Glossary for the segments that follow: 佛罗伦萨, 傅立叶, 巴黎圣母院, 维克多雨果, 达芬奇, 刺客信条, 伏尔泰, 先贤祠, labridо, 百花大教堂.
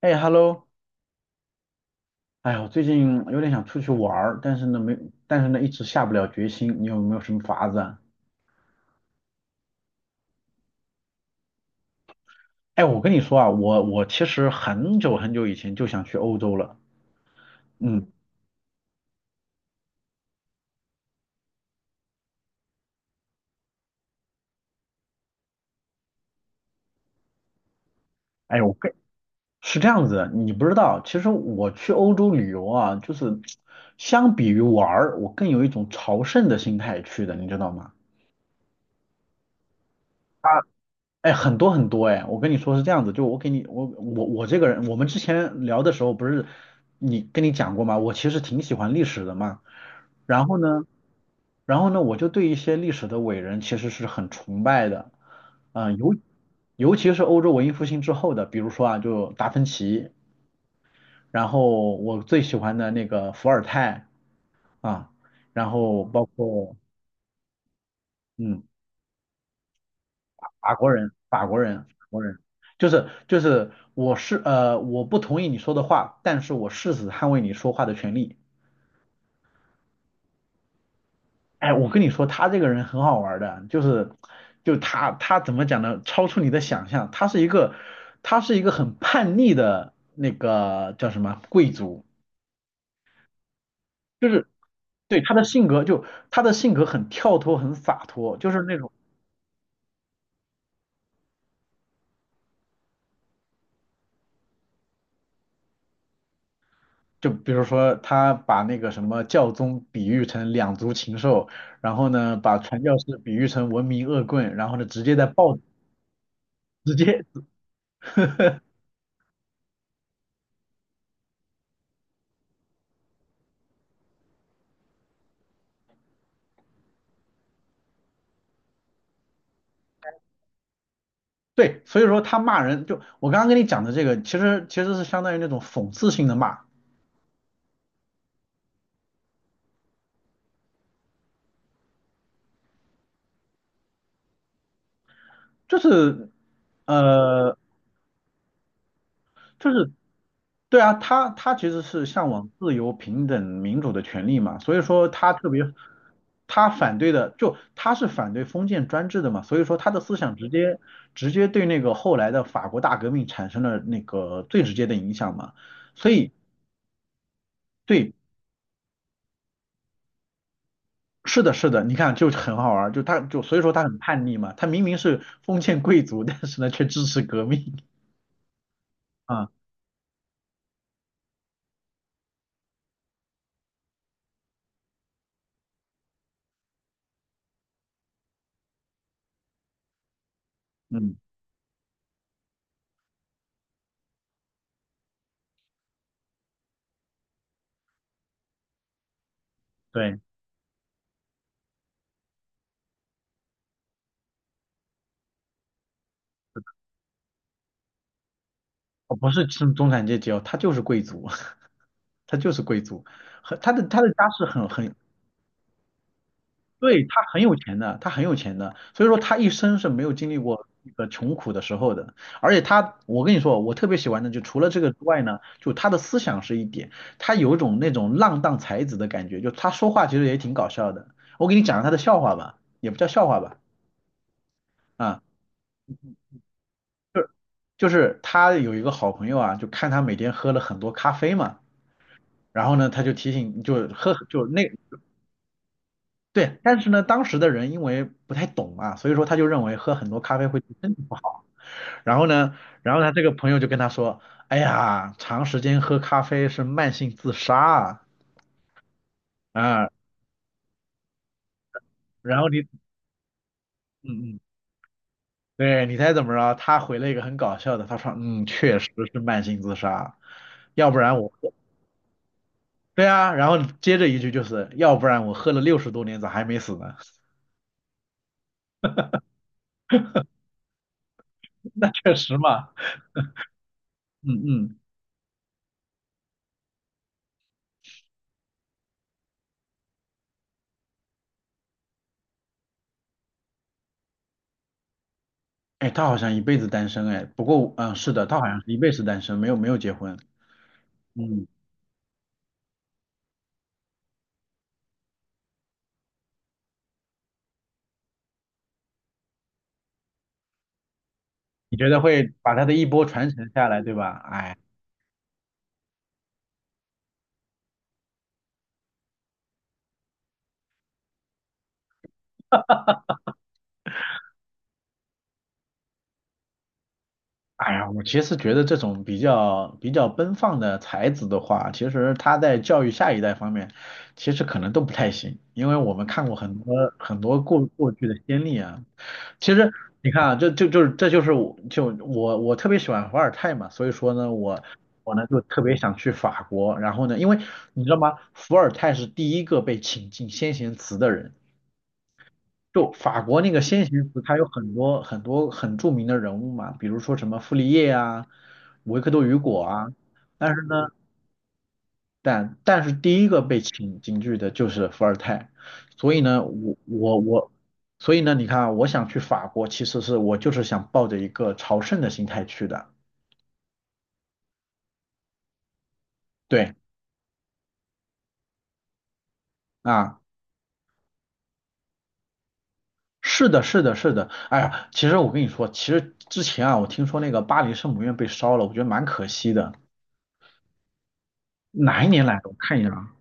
哎，hello，哎呀，我最近有点想出去玩儿，但是呢没，但是呢一直下不了决心。你有没有什么法子啊？哎，我跟你说啊，我其实很久很久以前就想去欧洲了。嗯，哎，我跟是这样子，你不知道，其实我去欧洲旅游啊，就是相比于玩儿，我更有一种朝圣的心态去的，你知道吗？哎，很多很多哎，我跟你说是这样子，就我给你，我这个人，我们之前聊的时候不是你跟你讲过吗？我其实挺喜欢历史的嘛。然后呢，然后呢，我就对一些历史的伟人其实是很崇拜的，嗯、尤尤其是欧洲文艺复兴之后的，比如说啊，就达芬奇，然后我最喜欢的那个伏尔泰啊，然后包括嗯，法国人，法国人，法国人，就是就是我是我不同意你说的话，但是我誓死捍卫你说话的权利。哎，我跟你说，他这个人很好玩儿的，就是，就他怎么讲呢？超出你的想象，他是一个，他是一个很叛逆的那个叫什么贵族，就是对他的性格就他的性格很跳脱，很洒脱，就是那种就比如说他把那个什么教宗比喻成两足禽兽，然后呢把传教士比喻成文明恶棍，然后呢直接在报直接 对，所以说他骂人，就我刚刚跟你讲的这个，其实其实是相当于那种讽刺性的骂，就是呃，就是对啊，他其实是向往自由、平等、民主的权利嘛，所以说他特别，他反对的就他是反对封建专制的嘛，所以说他的思想直接直接对那个后来的法国大革命产生了那个最直接的影响嘛，所以对，是的，是的，你看就很好玩儿，就他就所以说他很叛逆嘛，他明明是封建贵族，但是呢却支持革命 啊，嗯，对，哦，不是中产阶级哦，他就是贵族，他就是贵族，很他的家世很很对，他很有钱的，他很有钱的，所以说他一生是没有经历过那个穷苦的时候的。而且他，我跟你说，我特别喜欢的就除了这个之外呢，就他的思想是一点，他有一种那种浪荡才子的感觉，就他说话其实也挺搞笑的。我给你讲个他的笑话吧，也不叫笑话吧，啊，就是他有一个好朋友啊，就看他每天喝了很多咖啡嘛，然后呢，他就提醒，就喝就那。对，但是呢，当时的人因为不太懂嘛，所以说他就认为喝很多咖啡会对身体不好。然后呢，然后他这个朋友就跟他说，哎呀，长时间喝咖啡是慢性自杀啊，啊，然后你，嗯嗯，对，你猜怎么着？他回了一个很搞笑的，他说，确实是慢性自杀，要不然我，对啊，然后接着一句就是，要不然我喝了60多年咋还没死呢？那确实嘛，嗯嗯，哎，他好像一辈子单身，哎，不过，嗯，是的，他好像是一辈子单身，没有结婚，嗯，你觉得会把他的一波传承下来，对吧？哎。哎呀，我其实觉得这种比较奔放的才子的话，其实他在教育下一代方面，其实可能都不太行，因为我们看过很多很多过去的先例啊。其实你看啊，这就是这就是我就我我特别喜欢伏尔泰嘛，所以说呢，我呢就特别想去法国，然后呢，因为你知道吗，伏尔泰是第一个被请进先贤祠的人。就法国那个先行词，它有很多很多很著名的人物嘛，比如说什么傅立叶啊、维克多雨果啊。但是呢，但是第一个被请进去的就是伏尔泰，所以呢，我，所以呢，你看啊，我想去法国，其实是我就是想抱着一个朝圣的心态去的。对啊，是的，是的，是的。哎呀，其实我跟你说，其实之前啊，我听说那个巴黎圣母院被烧了，我觉得蛮可惜的。哪一年来的？我看一下啊。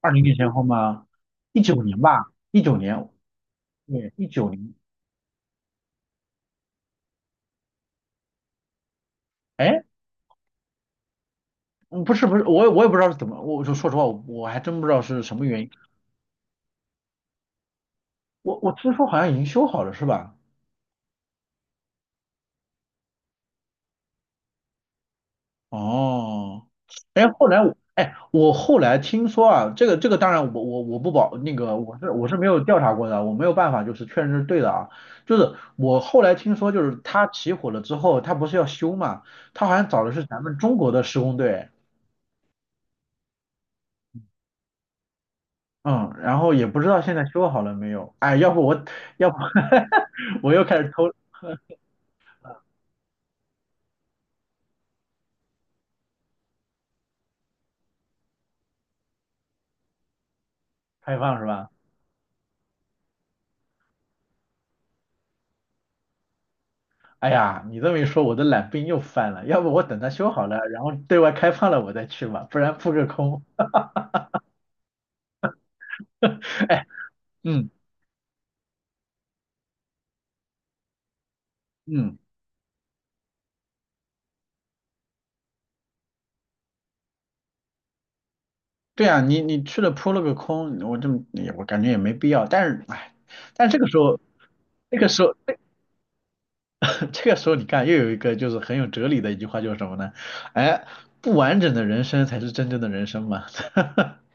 2020年前后吗？一九年吧，一九年，对，一九年。哎，嗯不是不是，我也不知道是怎么，我就说实话，我还真不知道是什么原因。我听说好像已经修好了，是吧？哦，哎，后来我哎，我后来听说啊，这个当然我不保那个我是没有调查过的，我没有办法就是确认是对的啊。就是我后来听说，就是他起火了之后，他不是要修嘛，他好像找的是咱们中国的施工队。嗯，然后也不知道现在修好了没有。哎，要不我，要不 我又开始偷开放是吧？哎呀，你这么一说，我的懒病又犯了。要不我等它修好了，然后对外开放了我再去吧，不然扑个空。哎，嗯嗯，对啊，你你去了扑了个空，我这么也我感觉也没必要。但是哎，但这个时候，这个时候，这个时候你看又有一个就是很有哲理的一句话，就是什么呢？哎，不完整的人生才是真正的人生嘛。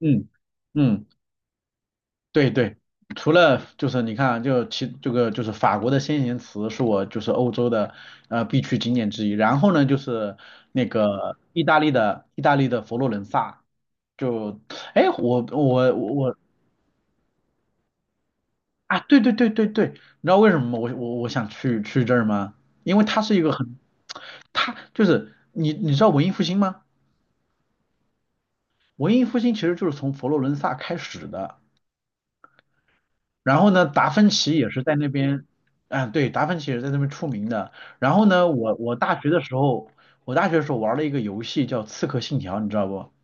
嗯嗯，对对，除了就是你看啊，就其这个就是法国的先贤祠是我就是欧洲的必去景点之一，然后呢就是那个意大利的佛罗伦萨，就哎我啊对对对对对，你知道为什么吗我想去去这儿吗？因为它是一个很它就是你你知道文艺复兴吗？文艺复兴其实就是从佛罗伦萨开始的。然后呢，达芬奇也是在那边，啊，对，达芬奇也是在那边出名的。然后呢，我大学的时候，我大学的时候玩了一个游戏叫《刺客信条》，你知道不？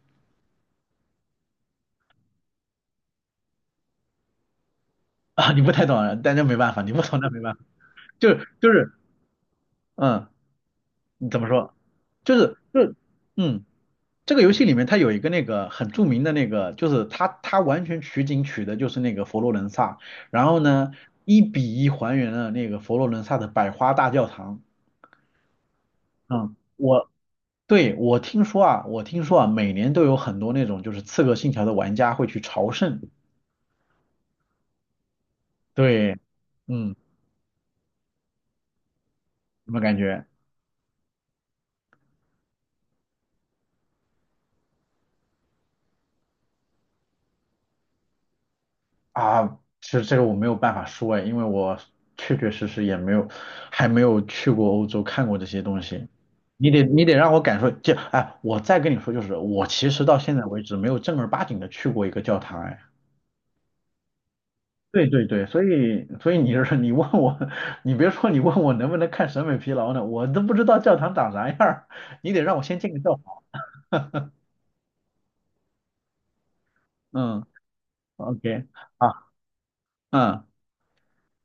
啊，你不太懂啊，但那没办法，你不懂那没办法，就是就是，嗯，你怎么说？就是就是，嗯，这个游戏里面它有一个那个很著名的那个，就是它它完全取景取的就是那个佛罗伦萨，然后呢，1比1还原了那个佛罗伦萨的百花大教堂。嗯，我对，我听说啊，我听说啊，每年都有很多那种就是《刺客信条》的玩家会去朝圣。对，嗯，怎么感觉啊？其实这个我没有办法说哎，因为我确确实实也没有，还没有去过欧洲看过这些东西。你得让我感受，就哎，我再跟你说就是，我其实到现在为止没有正儿八经的去过一个教堂哎。对对对，所以所以你是 你问我，你别说你问我能不能看审美疲劳呢，我都不知道教堂长啥样儿，你得让我先进个教堂。嗯，OK，好，嗯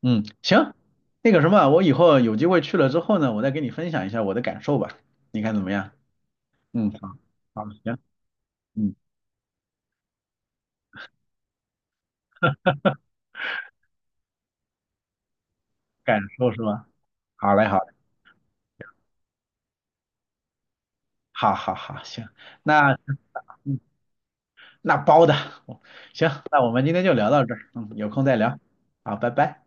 嗯，行，那个什么，我以后有机会去了之后呢，我再跟你分享一下我的感受吧，你看怎么样？嗯，好，好，行，嗯，感受是吧？好嘞，好嘞，好好好，行，那那包的，行，那我们今天就聊到这儿，嗯，有空再聊，好，拜拜。